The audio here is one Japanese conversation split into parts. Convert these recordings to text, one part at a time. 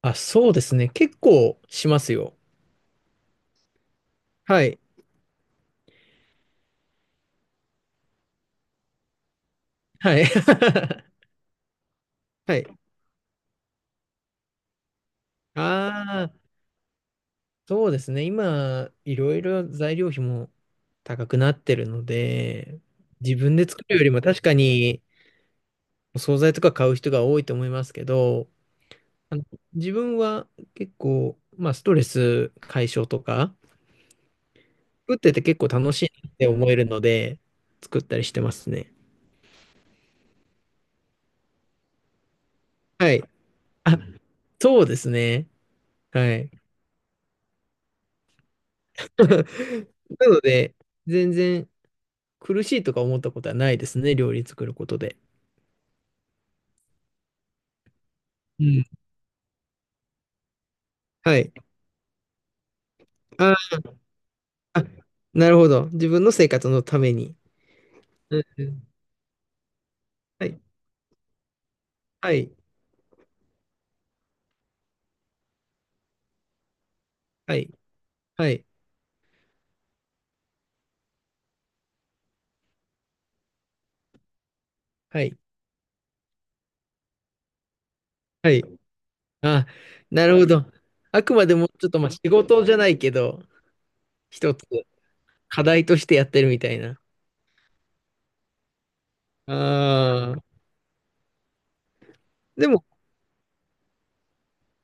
あ、そうですね。結構しますよ。はい。はい。はい。ああ、そうですね。今、いろいろ材料費も高くなってるので、自分で作るよりも確かにお惣菜とか買う人が多いと思いますけど、あの、自分は結構、まあ、ストレス解消とか、作ってて結構楽しいなって思えるので、作ったりしてますね。はい。あ、そうですね。はい。なので、全然苦しいとか思ったことはないですね、料理作ることで。うん。はい。ああ、なるほど。自分の生活のために。うんうん。はい。はい。はい。はい。はい。はい。あ、なるほど。あくまでもちょっとまあ仕事じゃないけど、一つ課題としてやってるみたいな。ああ。でも、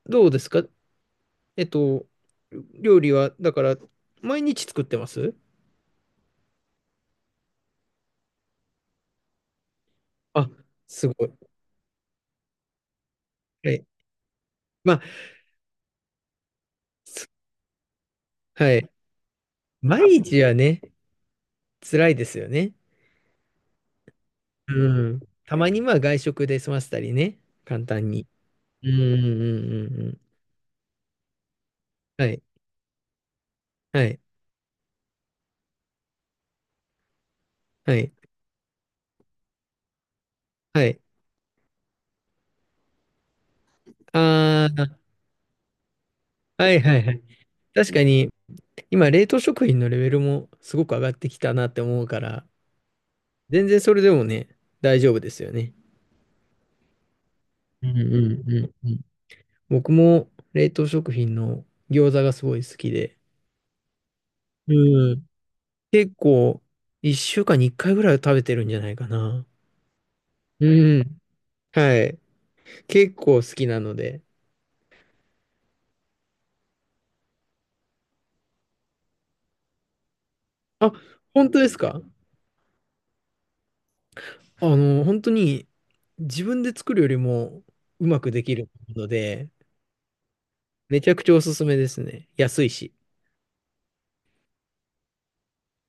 どうですか？えっと、料理は、だから、毎日作ってます？あ、すごい。はい。まあはい。毎日はね、辛いですよね。うん。たまにまあ外食で済ませたりね、簡単に。うんうんうんうん。はいはいはい。はいああはいはいはい。確かに、今、冷凍食品のレベルもすごく上がってきたなって思うから、全然それでもね、大丈夫ですよね。うんうんうんうん。僕も冷凍食品の餃子がすごい好きで、うん。結構、1週間に1回ぐらいは食べてるんじゃないかな。うん。はい。結構好きなので。あ、本当ですか？あの、本当に自分で作るよりもうまくできるので、めちゃくちゃおすすめですね。安いし。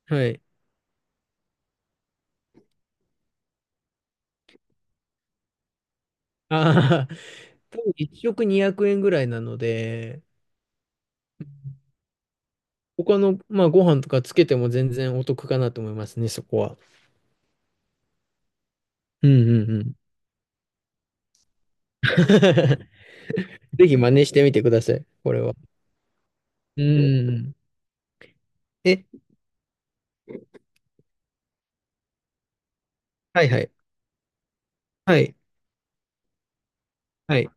はい。ああ、多分1食200円ぐらいなので、他の、まあ、ご飯とかつけても全然お得かなと思いますね、そこは。うんうんうん。ぜひ真似してみてください、これは。うんうんうん。え、はいはい。はい。はい。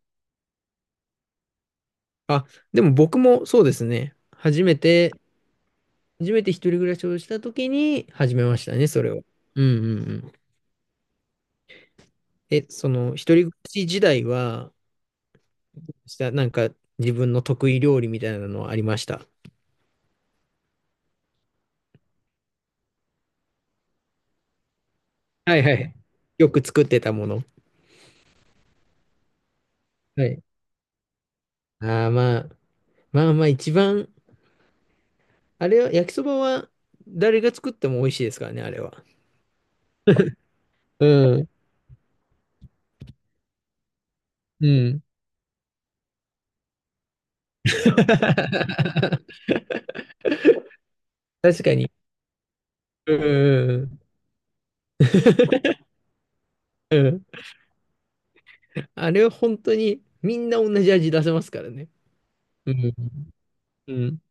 あ、でも僕もそうですね。初めて一人暮らしをした時に始めましたね、それを。うんうんうん。え、その一人暮らし時代は、したなんか自分の得意料理みたいなのはありました？はいはい。よく作ってたもの。はい。ああ、まあ、まあまあ一番、あれは、焼きそばは誰が作っても美味しいですからね、あれは。うん。うん。確かに。うんうんうん。うん。あれは本当にみんな同じ味出せますからね。うん。うん。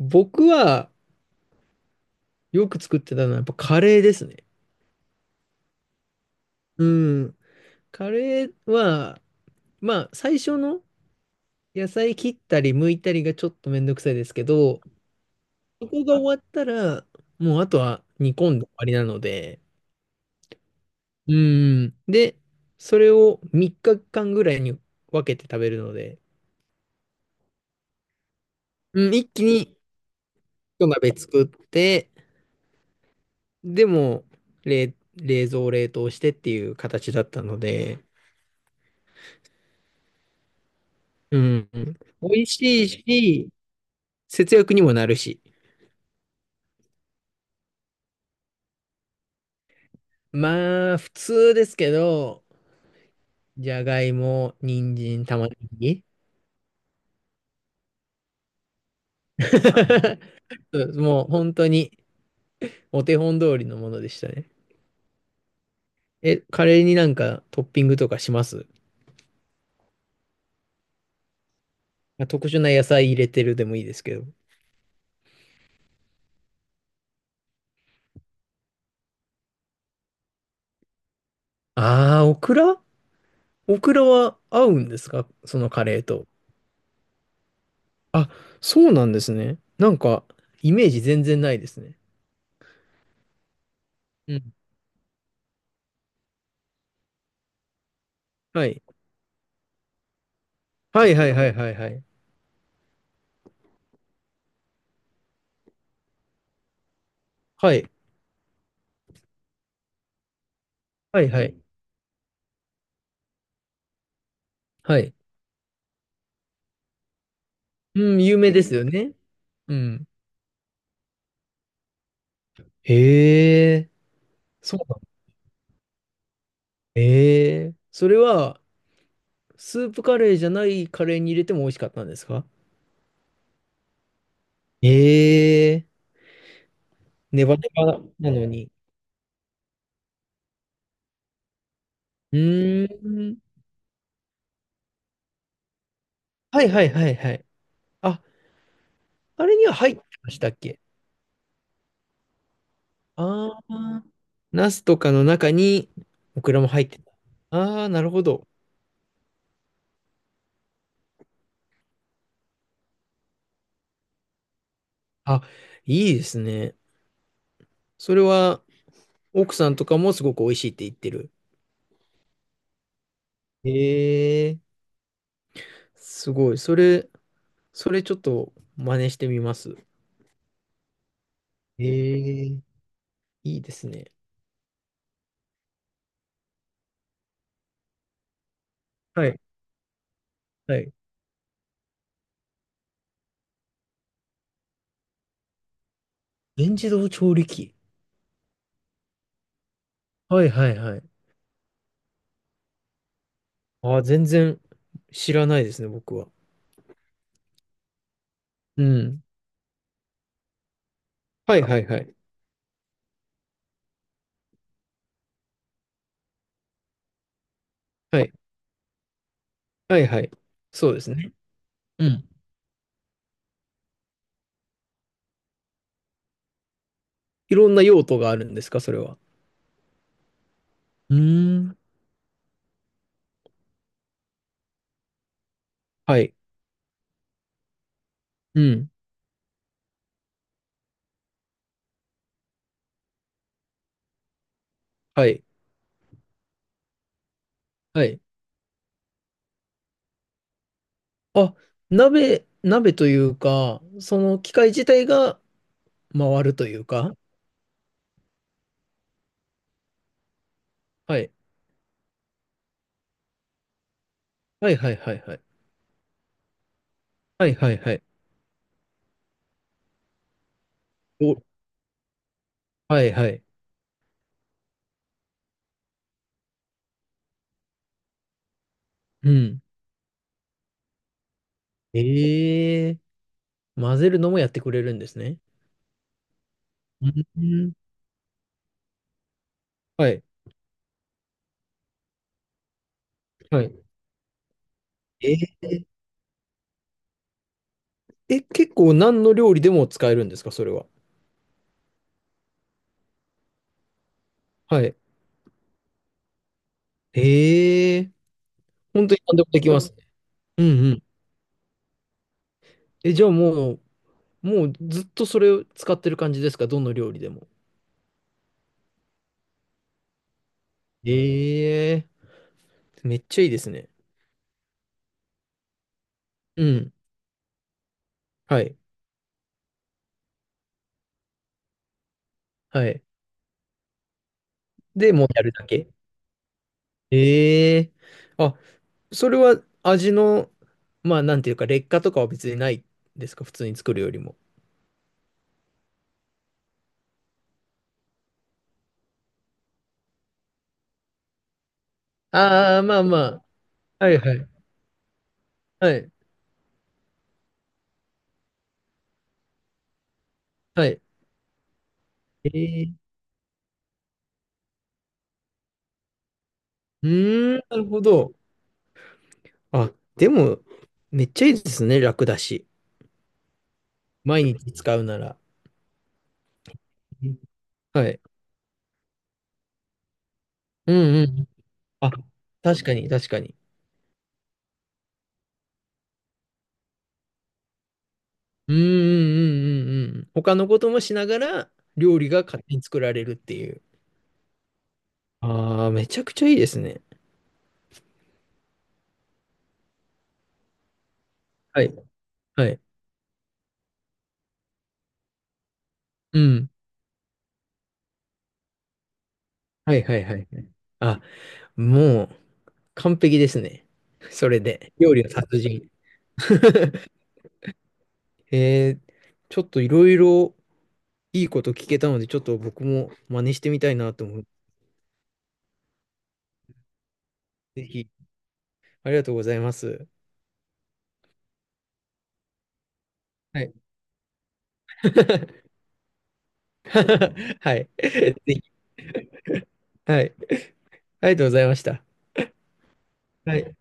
僕はよく作ってたのはやっぱカレーですね。うん。カレーは、まあ最初の野菜切ったり剥いたりがちょっとめんどくさいですけど、そこが終わったら、もうあとは煮込んで終わりなので、うん。で、それを3日間ぐらいに分けて食べるので、うん、一気に一鍋作って、でも、冷蔵冷凍してっていう形だったので、うん、美味しいし、節約にもなるし。まあ、普通ですけど、じゃがいも、人参、玉ねぎ。そうもう本当にお手本通りのものでしたね。え、カレーになんかトッピングとかします？あ、特殊な野菜入れてるでもいいですけど。ああ、オクラ。オクラは合うんですかそのカレーと。あ、そうなんですね。なんか、イメージ全然ないですね。うん。はい。はいはいはいはいはい。はい。はいはい。はい。うん、有名ですよね。うん。へえ、そうなん。へえ。それは、スープカレーじゃないカレーに入れても美味しかったんですか？へえ、ネバネバなのに。うーん。はいはいはいはい。あ、あれには入ってましたっけ？ああ、ナスとかの中にオクラも入ってた。ああ、なるほど。あ、いいですね。それは奥さんとかもすごく美味しいって言ってる。ええ、すごい。それちょっと真似してみます。ええ、いいですね。はい、はい。全自動調理器。はいはいはい。ああ、全然知らないですね、僕は。うん。はいはいはい。はい。はいはい。そうですね。うん。いろんな用途があるんですか、それは。うーん。はい。うん。はい。はい。あ、鍋というか、その機械自体が回るというか。はい。はいはいはいはい。はいはいはい。お、はいはい。うん。ええー、混ぜるのもやってくれるんですね。うん。はい。はい。えー、え、結構何の料理でも使えるんですか、それは。はい。ええ。本当に何でもできますね。うんうん。え、じゃあもう、もうずっとそれを使ってる感じですか、どの料理でも。ええ、めっちゃいいですね。うん。はい。はい。で、もうやるだけ。ええ。あ、それは味の、まあ、なんていうか、劣化とかは別にないですか普通に作るよりも。ああ、まあまあ。はいはい。はい。はい。ええ。うーん、なるほど。あ、でも、めっちゃいいですね。楽だし。毎日使うなら。うん。はい。うんうん。あ、確かに、確かに。うんうんうんうんうん。他のこともしながら、料理が勝手に作られるっていう。ああ、めちゃくちゃいいですね。はい。はい。うん。はいはいはいはい。あ、もう、完璧ですね。それで。料理の達人。えー、ちょっといろいろいいこと聞けたので、ちょっと僕も真似してみたいなと思って、ぜひ、ありがとうございます。はい。はい。ぜひ。はい。ありがとうございました。はい。